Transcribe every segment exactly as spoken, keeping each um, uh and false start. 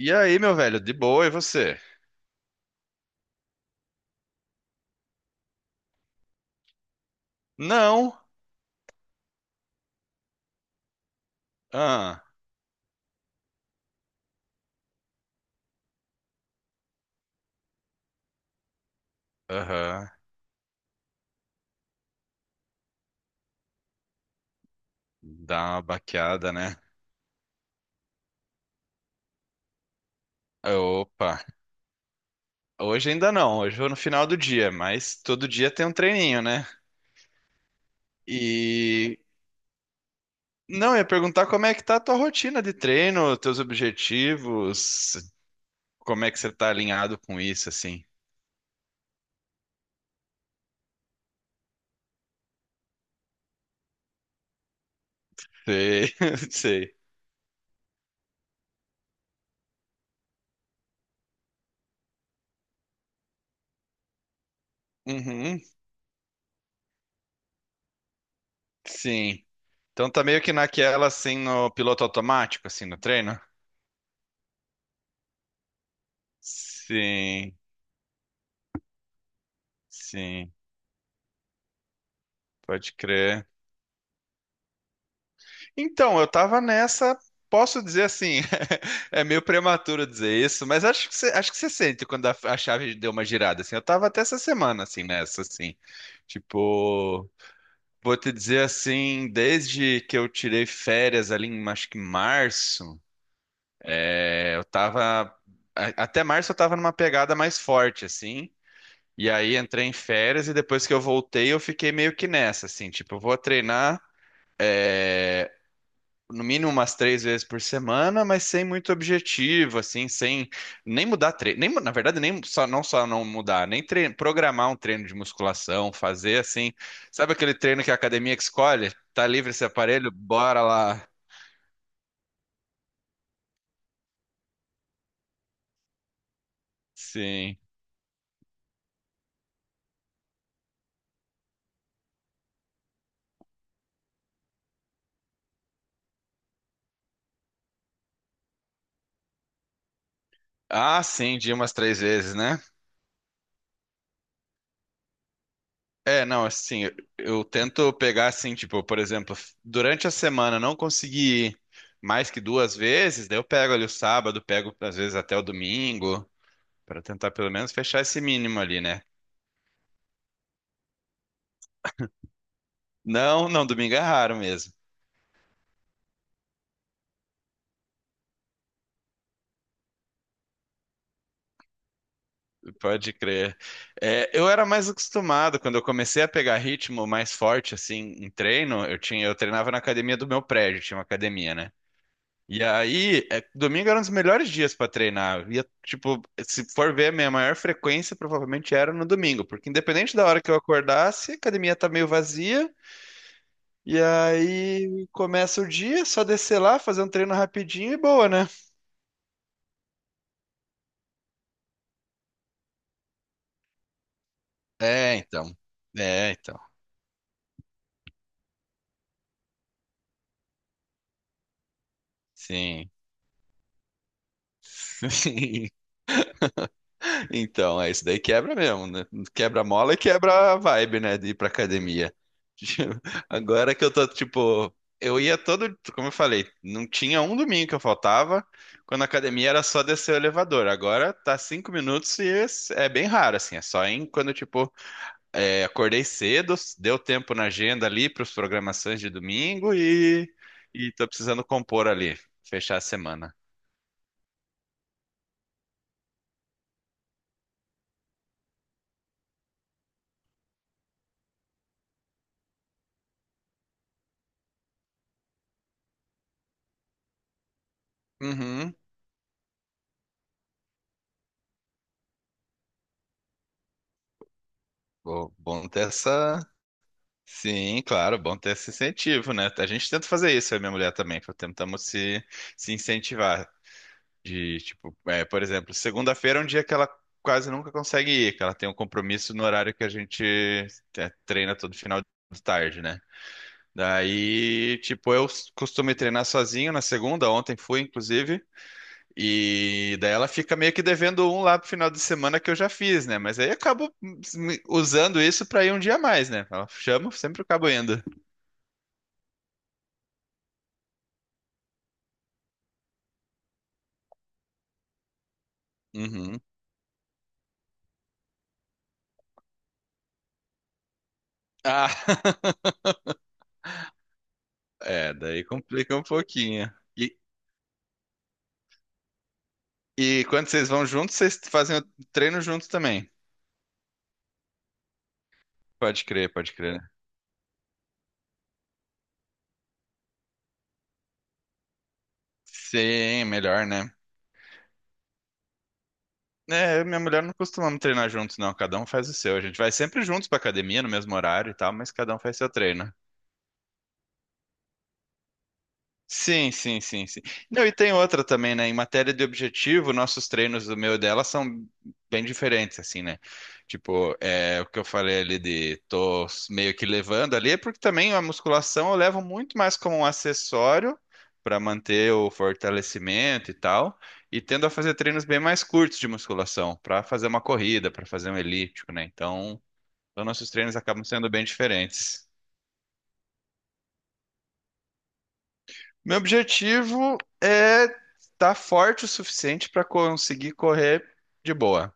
E aí, meu velho, de boa, e você? Não. Ah, aham. Dá uma baqueada, né? Opa. Hoje ainda não, hoje eu vou no final do dia, mas todo dia tem um treininho, né? E não, eu ia perguntar como é que tá a tua rotina de treino, teus objetivos, como é que você tá alinhado com isso, assim? Sei, sei. Uhum, sim. Então tá meio que naquela, assim, no piloto automático, assim, no treino? Sim, sim. Pode crer. Então, eu tava nessa, posso dizer assim, é meio prematuro dizer isso, mas acho que você, acho que você sente quando a, a chave deu uma girada, assim. Eu tava até essa semana, assim, nessa, assim. Tipo, vou te dizer assim, desde que eu tirei férias ali em, acho que em março, é, eu tava, a- até março eu tava numa pegada mais forte, assim. E aí entrei em férias e depois que eu voltei, eu fiquei meio que nessa, assim, tipo, eu vou treinar no mínimo umas três vezes por semana, mas sem muito objetivo, assim, sem nem mudar treino, nem, mu- na verdade, nem só não só não mudar, nem tre- programar um treino de musculação, fazer assim, sabe aquele treino que a academia que escolhe? Tá livre esse aparelho? Bora lá. Sim. Ah, sim, de umas três vezes, né? É, não, assim, eu, eu tento pegar assim, tipo, por exemplo, durante a semana não consegui ir mais que duas vezes, daí eu pego ali o sábado, pego às vezes até o domingo. Para tentar pelo menos fechar esse mínimo ali, né? Não, não, domingo é raro mesmo, pode crer. É, eu era mais acostumado, quando eu comecei a pegar ritmo mais forte, assim, em treino, eu tinha, eu treinava na academia do meu prédio, tinha uma academia, né? E aí, é, domingo era um dos melhores dias para treinar. Eu ia, tipo, se for ver, a minha maior frequência provavelmente era no domingo, porque independente da hora que eu acordasse, a academia tá meio vazia, e aí começa o dia, só descer lá, fazer um treino rapidinho e boa, né? É, então. É, então. Sim. Sim. Então, é isso daí quebra mesmo, né? Quebra a mola e quebra a vibe, né? De ir pra academia. Agora que eu tô, tipo, eu ia todo, como eu falei, não tinha um domingo que eu faltava, quando a academia era só descer o elevador. Agora tá cinco minutos e é é bem raro, assim, é só em quando, tipo, é, acordei cedo, deu tempo na agenda ali pros programações de domingo e, e tô precisando compor ali, fechar a semana. Uhum. Bom, bom ter essa. Sim, claro, bom ter esse incentivo, né? A gente tenta fazer isso, eu e minha mulher também. Tentamos se, se incentivar. De, tipo, é, por exemplo, segunda-feira é um dia que ela quase nunca consegue ir, que ela tem um compromisso no horário que a gente é, treina todo final de tarde, né? Daí, tipo, eu costumo ir treinar sozinho na segunda, ontem fui, inclusive. E daí ela fica meio que devendo um lá pro final de semana que eu já fiz, né? Mas aí eu acabo me- usando isso pra ir um dia a mais, né? Ela chama, sempre acabo indo. Uhum. Ah, é, daí complica um pouquinho. E, e quando vocês vão juntos, vocês fazem o treino juntos também. Pode crer, pode crer. Sim, melhor, né? É, eu e minha mulher não costumamos treinar juntos, não. Cada um faz o seu. A gente vai sempre juntos pra academia, no mesmo horário e tal, mas cada um faz seu treino. Sim, sim, sim, sim. Não, e tem outra também, né? Em matéria de objetivo, nossos treinos do meu e dela são bem diferentes, assim, né? Tipo, é, o que eu falei ali de tô meio que levando ali, é porque também a musculação eu levo muito mais como um acessório para manter o fortalecimento e tal, e tendo a fazer treinos bem mais curtos de musculação, para fazer uma corrida, para fazer um elíptico, né? Então, então, nossos treinos acabam sendo bem diferentes. Meu objetivo é estar forte o suficiente para conseguir correr de boa.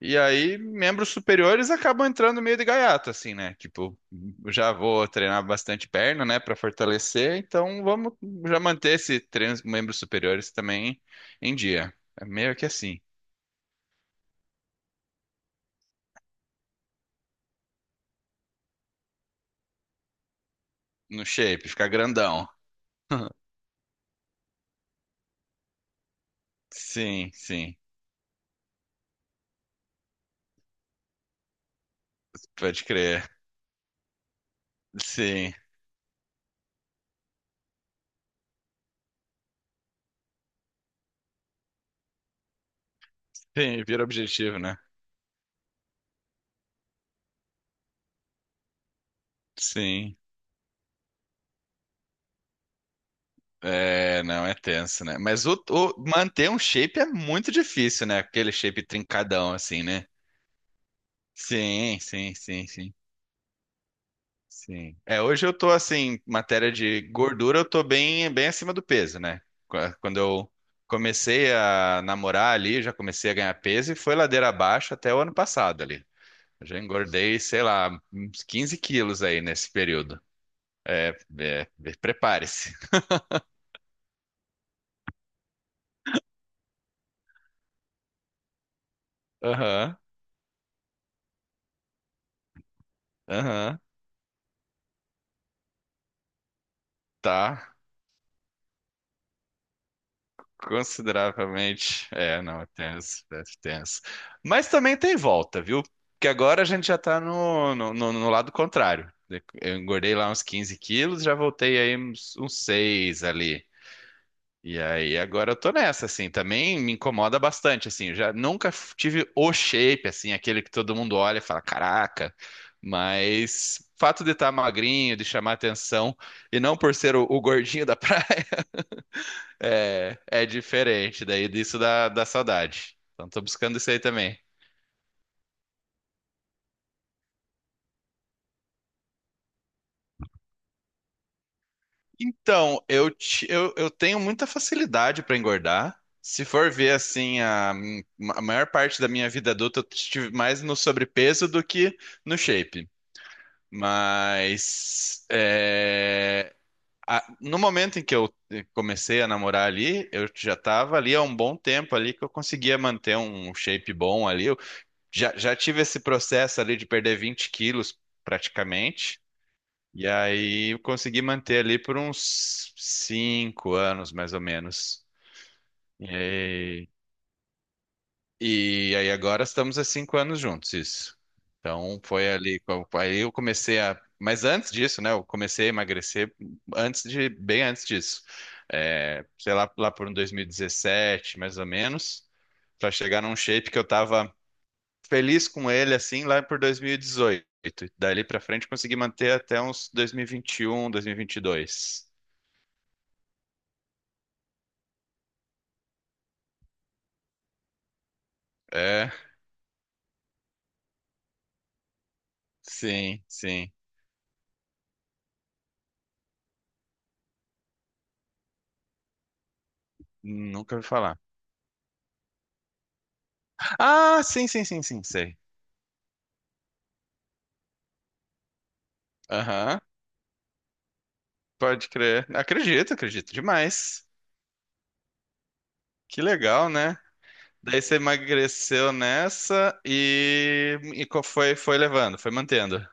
E aí, membros superiores acabam entrando meio de gaiato, assim, né? Tipo, eu já vou treinar bastante perna, né, para fortalecer, então vamos já manter esse treino dos membros superiores também em dia. É meio que assim, no shape, ficar grandão. Sim, sim, pode crer. Sim, sim, vira objetivo, né? Sim. É, não, é tenso, né? Mas o, o- manter um shape é muito difícil, né? Aquele shape trincadão, assim, né? Sim, sim, sim, sim, sim. É, hoje eu tô, assim, matéria de gordura, eu tô bem, bem acima do peso, né? Qua- Quando eu comecei a namorar ali, já comecei a ganhar peso e foi ladeira abaixo até o ano passado ali. Eu já engordei, sei lá, uns quinze quilos aí nesse período. É, é, prepare-se. Aham, aham, tá. Consideravelmente. É, não, é tenso, é tenso. Mas também tem volta, viu? Porque agora a gente já tá no, no, no- no lado contrário. Eu engordei lá uns quinze quilos, já voltei aí uns, uns seis ali. E aí agora eu tô nessa, assim, também me incomoda bastante, assim, eu já nunca f- tive o shape, assim, aquele que todo mundo olha e fala, caraca, mas fato de estar magrinho, de chamar atenção, e não por ser o, o gordinho da praia, é, é diferente daí disso da, da saudade. Então tô buscando isso aí também. Então, eu, ti- eu, eu tenho muita facilidade para engordar. Se for ver assim, a, a maior parte da minha vida adulta eu estive mais no sobrepeso do que no shape. Mas é, a- no momento em que eu comecei a namorar ali, eu já estava ali há um bom tempo ali que eu conseguia manter um shape bom ali. Já, já tive esse processo ali de perder vinte quilos, praticamente. E aí eu consegui manter ali por uns cinco anos, mais ou menos. E aí, e aí agora estamos há cinco anos juntos, isso. Então foi ali, co- aí eu comecei a... Mas antes disso, né, eu comecei a emagrecer antes de, bem antes disso. É, sei lá, lá por um dois mil e dezessete, mais ou menos, para chegar num shape que eu tava feliz com ele assim lá por dois mil e dezoito. Dali pra frente consegui manter até uns dois mil e vinte e um, dois mil e vinte e dois. É, sim, sim. Nunca ouvi falar. Ah, sim, sim, sim, sim, sei. Aham, pode crer. Acredito, acredito demais. Que legal, né? Daí você emagreceu nessa e, e co- foi, foi levando, foi mantendo.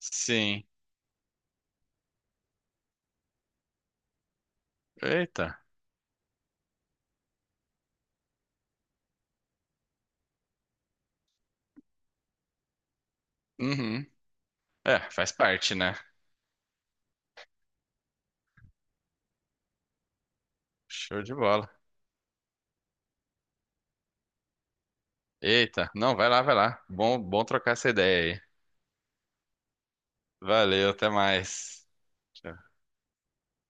Sim. Eita. Uhum. É, faz parte, né? Show de bola. Eita, não, vai lá, vai lá. Bom, bom trocar essa ideia aí. Valeu, até mais. Tchau.